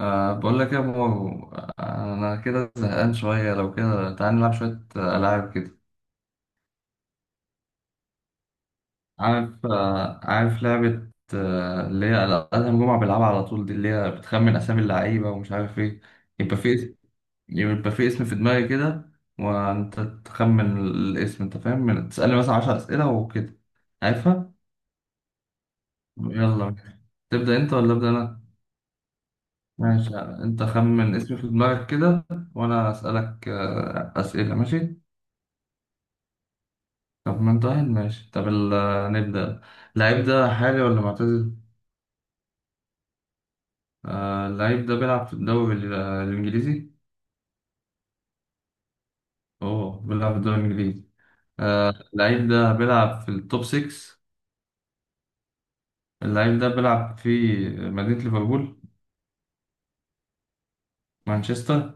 بقول لك يا مو. أنا كده زهقان شوية، لو كده تعالى نلعب شوية ألعاب كده. عارف لعبة، اللي هي أدهم جمعة بيلعبها على طول، دي اللي هي بتخمن أسامي اللعيبة ومش عارف إيه. يبقى في اسم يبقى في اسم في دماغي كده، وأنت تخمن الاسم. أنت فاهم، تسألني مثلا 10 أسئلة وكده. عارفها؟ يلا. تبدأ أنت ولا أبدأ أنا؟ ماشي، أنت خمن اسم في دماغك كده وأنا أسألك أسئلة، ماشي؟ طب ما انت واحد، ماشي. طب نبدأ. اللعيب ده حالي ولا معتزل؟ اللعيب ده بيلعب في الدوري الإنجليزي؟ أوه، بيلعب في الدوري الإنجليزي. اللعيب ده بيلعب في التوب 6. اللعيب ده بيلعب في مدينة ليفربول. مانشستر.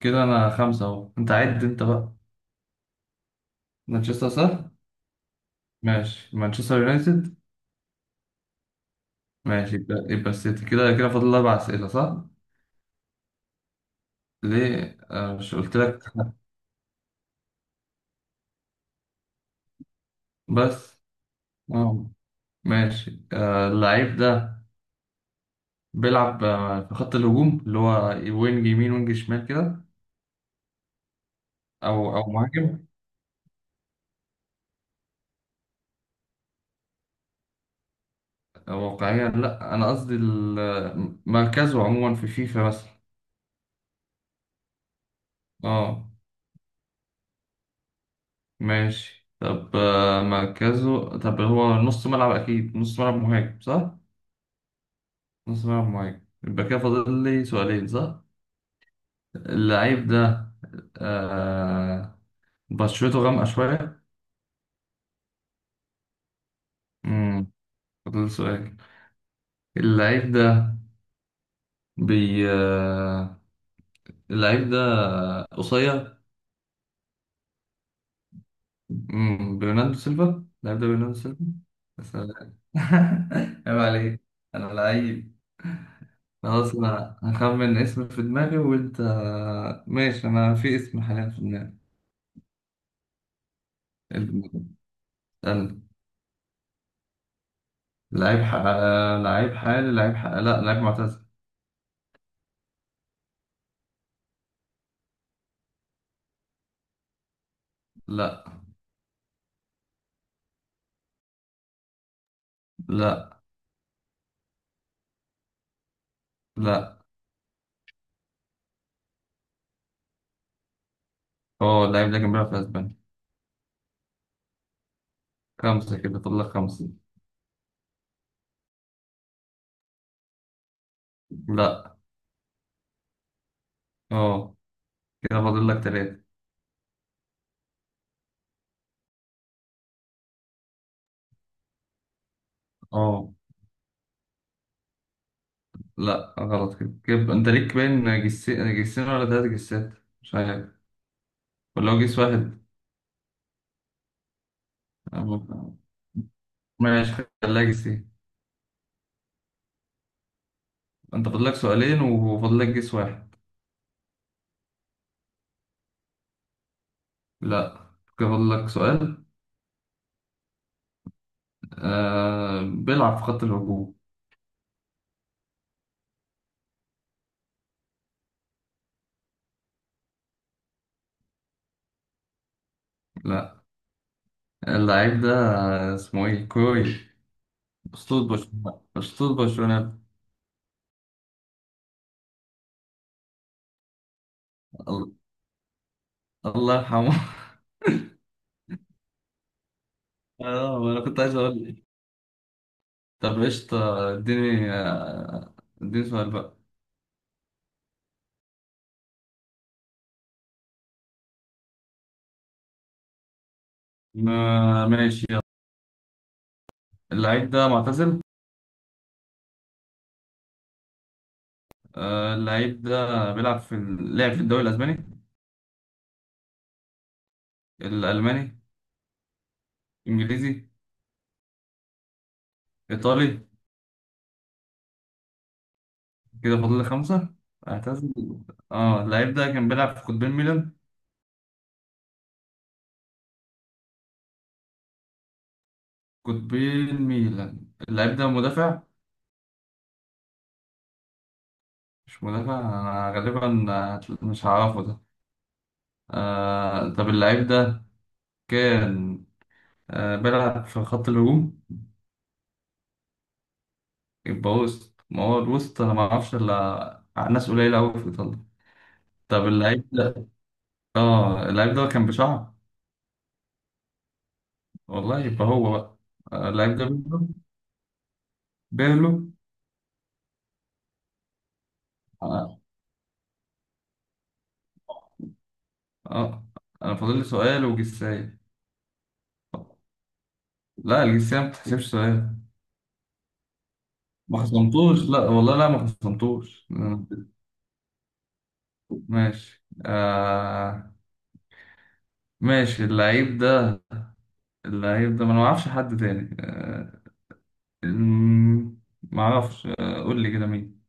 كده أنا خمسة أهو، أنت عد أنت بقى. مانشستر صح؟ ماشي، مانشستر يونايتد. ماشي، يبقى السيتي. كده فاضل أربع أسئلة صح؟ ليه؟ مش قلت لك. بس. آه ماشي. اللعيب ده بيلعب في خط الهجوم، اللي هو وينج يمين وينج شمال كده، او مهاجم. أو واقعيا لا، انا قصدي مركزه عموما في فيفا مثلا. اه ماشي. طب مركزه، طب هو نص ملعب اكيد، نص ملعب مهاجم صح. نص ملعب مهاجم، يبقى كده فاضل لي سؤالين صح. اللعيب ده آه بشرته غامقة شوية. امم فاضل لي سؤال. اللعيب ده بي آه، اللعيب ده قصير. برناردو سيلفا. اللاعب ده برناردو سيلفا. بس أنا- عيب عليك، انا لعيب. خلاص، انا هخمن اسم في دماغي وانت. ماشي، انا في اسم حاليا في دماغي. استنى. لعيب ح... لعيب حالي، لا، لعيب معتزل. لا، لا، لا. اه، اللعيب ده كان بيلعب في اسبانيا. خمسة، كده فاضل لك خمسة. لا. اه، كده فاضل لك تلاتة. اه. لا، غلط. كده انت ليك باين، جسين ولا تلات جسات، مش عارف، ولو جيس واحد. ماشي. خليها جيس ايه. انت فاضلك سؤالين وفاضلك جيس واحد. لا، كده فاضلك سؤال. بيلعب في خط الهجوم. لا. اللعيب ده اسمه ايه كوي. اسطول برشلونة، اسطول برشلونة. الله. الله يرحمه. اه، انا كنت عايز اقول ايه. طب قشطة، اديني سؤال بقى. ماشي، يلا. اللعيب ده معتزل. اللعيب ده لعب في الدوري الاسباني؟ الالماني؟ انجليزي؟ إيطالي؟ كده فاضل لي خمسة. اعتزل. اه، اللعيب ده كان بيلعب في قطبين ميلان. قطبين ميلان، اللعيب ده مدافع. مش مدافع أنا غالبا. مش هعرفه ده. طب اللعيب ده كان بيلعب في خط الهجوم. يبقى وسط، ما هو الوسط أنا معرفش إلا ناس قليلة أوي في إيطاليا. طب اللعيب ده اه اللعيب ده كان بشعر، والله. يبقى هو بقى اللعيب ده بيرلو. بيرلو. اه آه. أنا فاضل لي سؤال وجساية. لا، الجنسية ما بتحسبش سؤال. ما خصمتوش، لا والله، لا ما خصمتوش. ماشي. ماشي، اللعيب ده. اللعيب ده، ما انا ما اعرفش حد تاني. ما اعرفش. قول لي كده مين.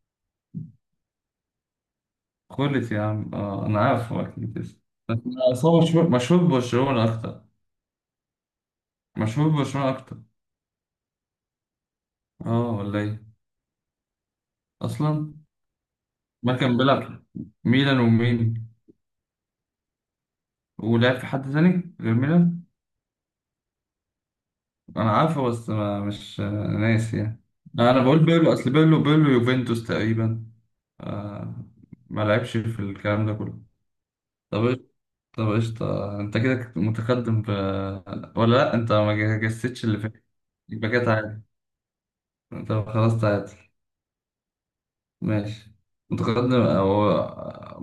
خلت يا عم. انا عارف هو اكيد، بس. بس أصل هو مشهور، مشهور ببرشلونة اكتر، مشهور ببرشلونة اكتر. اه ولا ايه. اصلا ما كان بيلعب. ميلان ومين؟ ولعب في حد تاني غير ميلان؟ انا عارفه بس ما مش ناسي يعني. انا بقول بيرلو، اصل بيرلو يوفنتوس تقريبا. آه. ما لعبش في الكلام ده كله. طب طب قشطة، انت كده كنت متقدم ولا لا، انت ما جسدتش اللي فات. يبقى كده تعادل. طب خلاص، تعادل. ماشي. متقدم او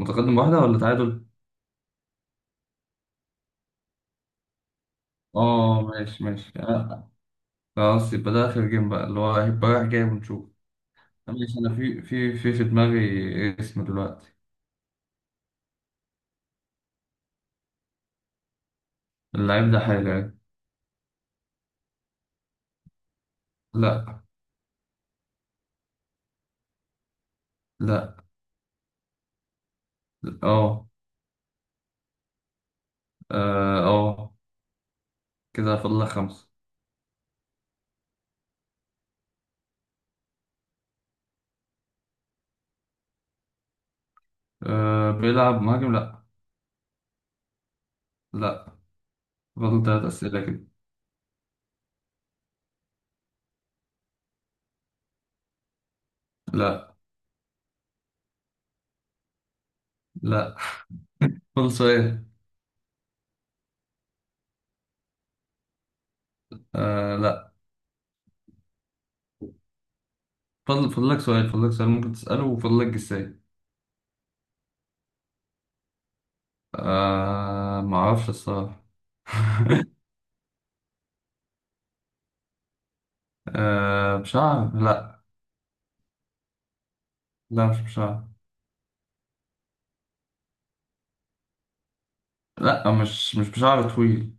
متقدم واحدة ولا تعادل. اه ماشي، ماشي. خلاص يبقى ده اخر جيم بقى، اللي هو هيبقى رايح جاي ونشوف. ماشي، انا في دماغي اسم دلوقتي. اللعيب ده حلو. لا. لا. اه. اه. آه. كده فاضل لك خمسة. بيلعب مهاجم، لا. لا. فاضل تلات أسئلة كده. لا. لا. فاضل سؤال. لا. فاضل لك سؤال ممكن تسأله، وفاضل لك جساي. ما أعرفش الصراحة. بشعر، لا. لا، مش بشعر. لا، مش بشعر طويل.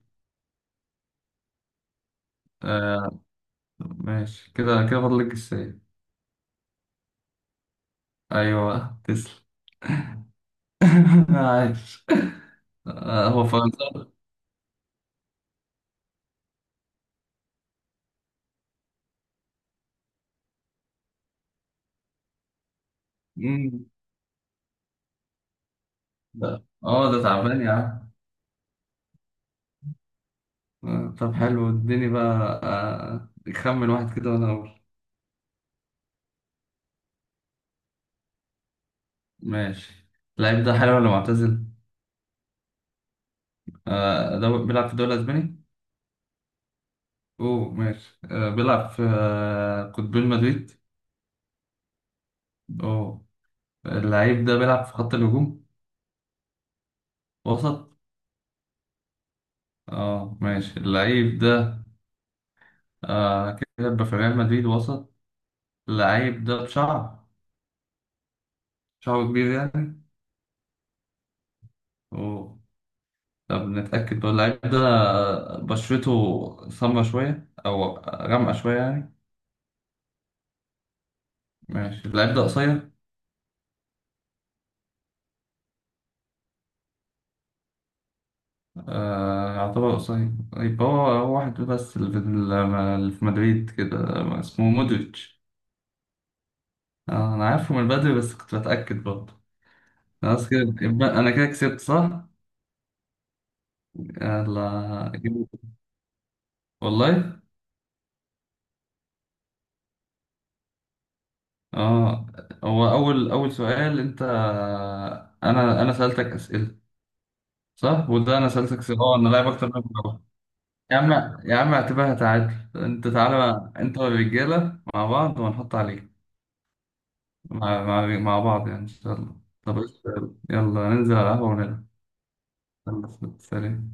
آه. ماشي، كده فاضل لك جساي. أيوه، تسلم. عايش. هو فرنساوي؟ ده تعبان يا عم. طب حلو، اديني بقى. خمن واحد كده وانا اقول. ماشي. اللعيب ده حلو ولا معتزل؟ ده بيلعب في الدوري الاسباني؟ اوه ماشي. بيلعب في قطبين مدريد؟ اوه. اللعيب ده بيلعب في خط الهجوم؟ وسط؟ اه ماشي، اللعيب ده كده يبقى في ريال مدريد، وسط. اللعيب ده بشعر. شعره كبير يعني؟ اوه. طب نتأكد، هو اللعيب ده بشرته سمرا شوية أو غامقة شوية يعني. ماشي، اللعيب ده قصير. يعتبر قصير، يبقى هو واحد بس اللي في مدريد كده، اسمه مودريتش. أنا عارفه من بدري بس كنت بتأكد برضه. خلاص، كده يبقى أنا كده كسبت صح؟ يلا أجيبه. والله. اه، هو أول سؤال أنت، أنا سألتك أسئلة صح؟ وده أنا سألتك أسئلة، أنا لاعب أكتر منك. يا عم، يا عم اعتبرها تعادل. انت تعالى بقى انت والرجاله مع بعض وهنحط عليك. مع بعض يعني، ان شاء الله. طب قشطة، يلا. يلا ننزل على القهوه ونلعب. يلا، سلام.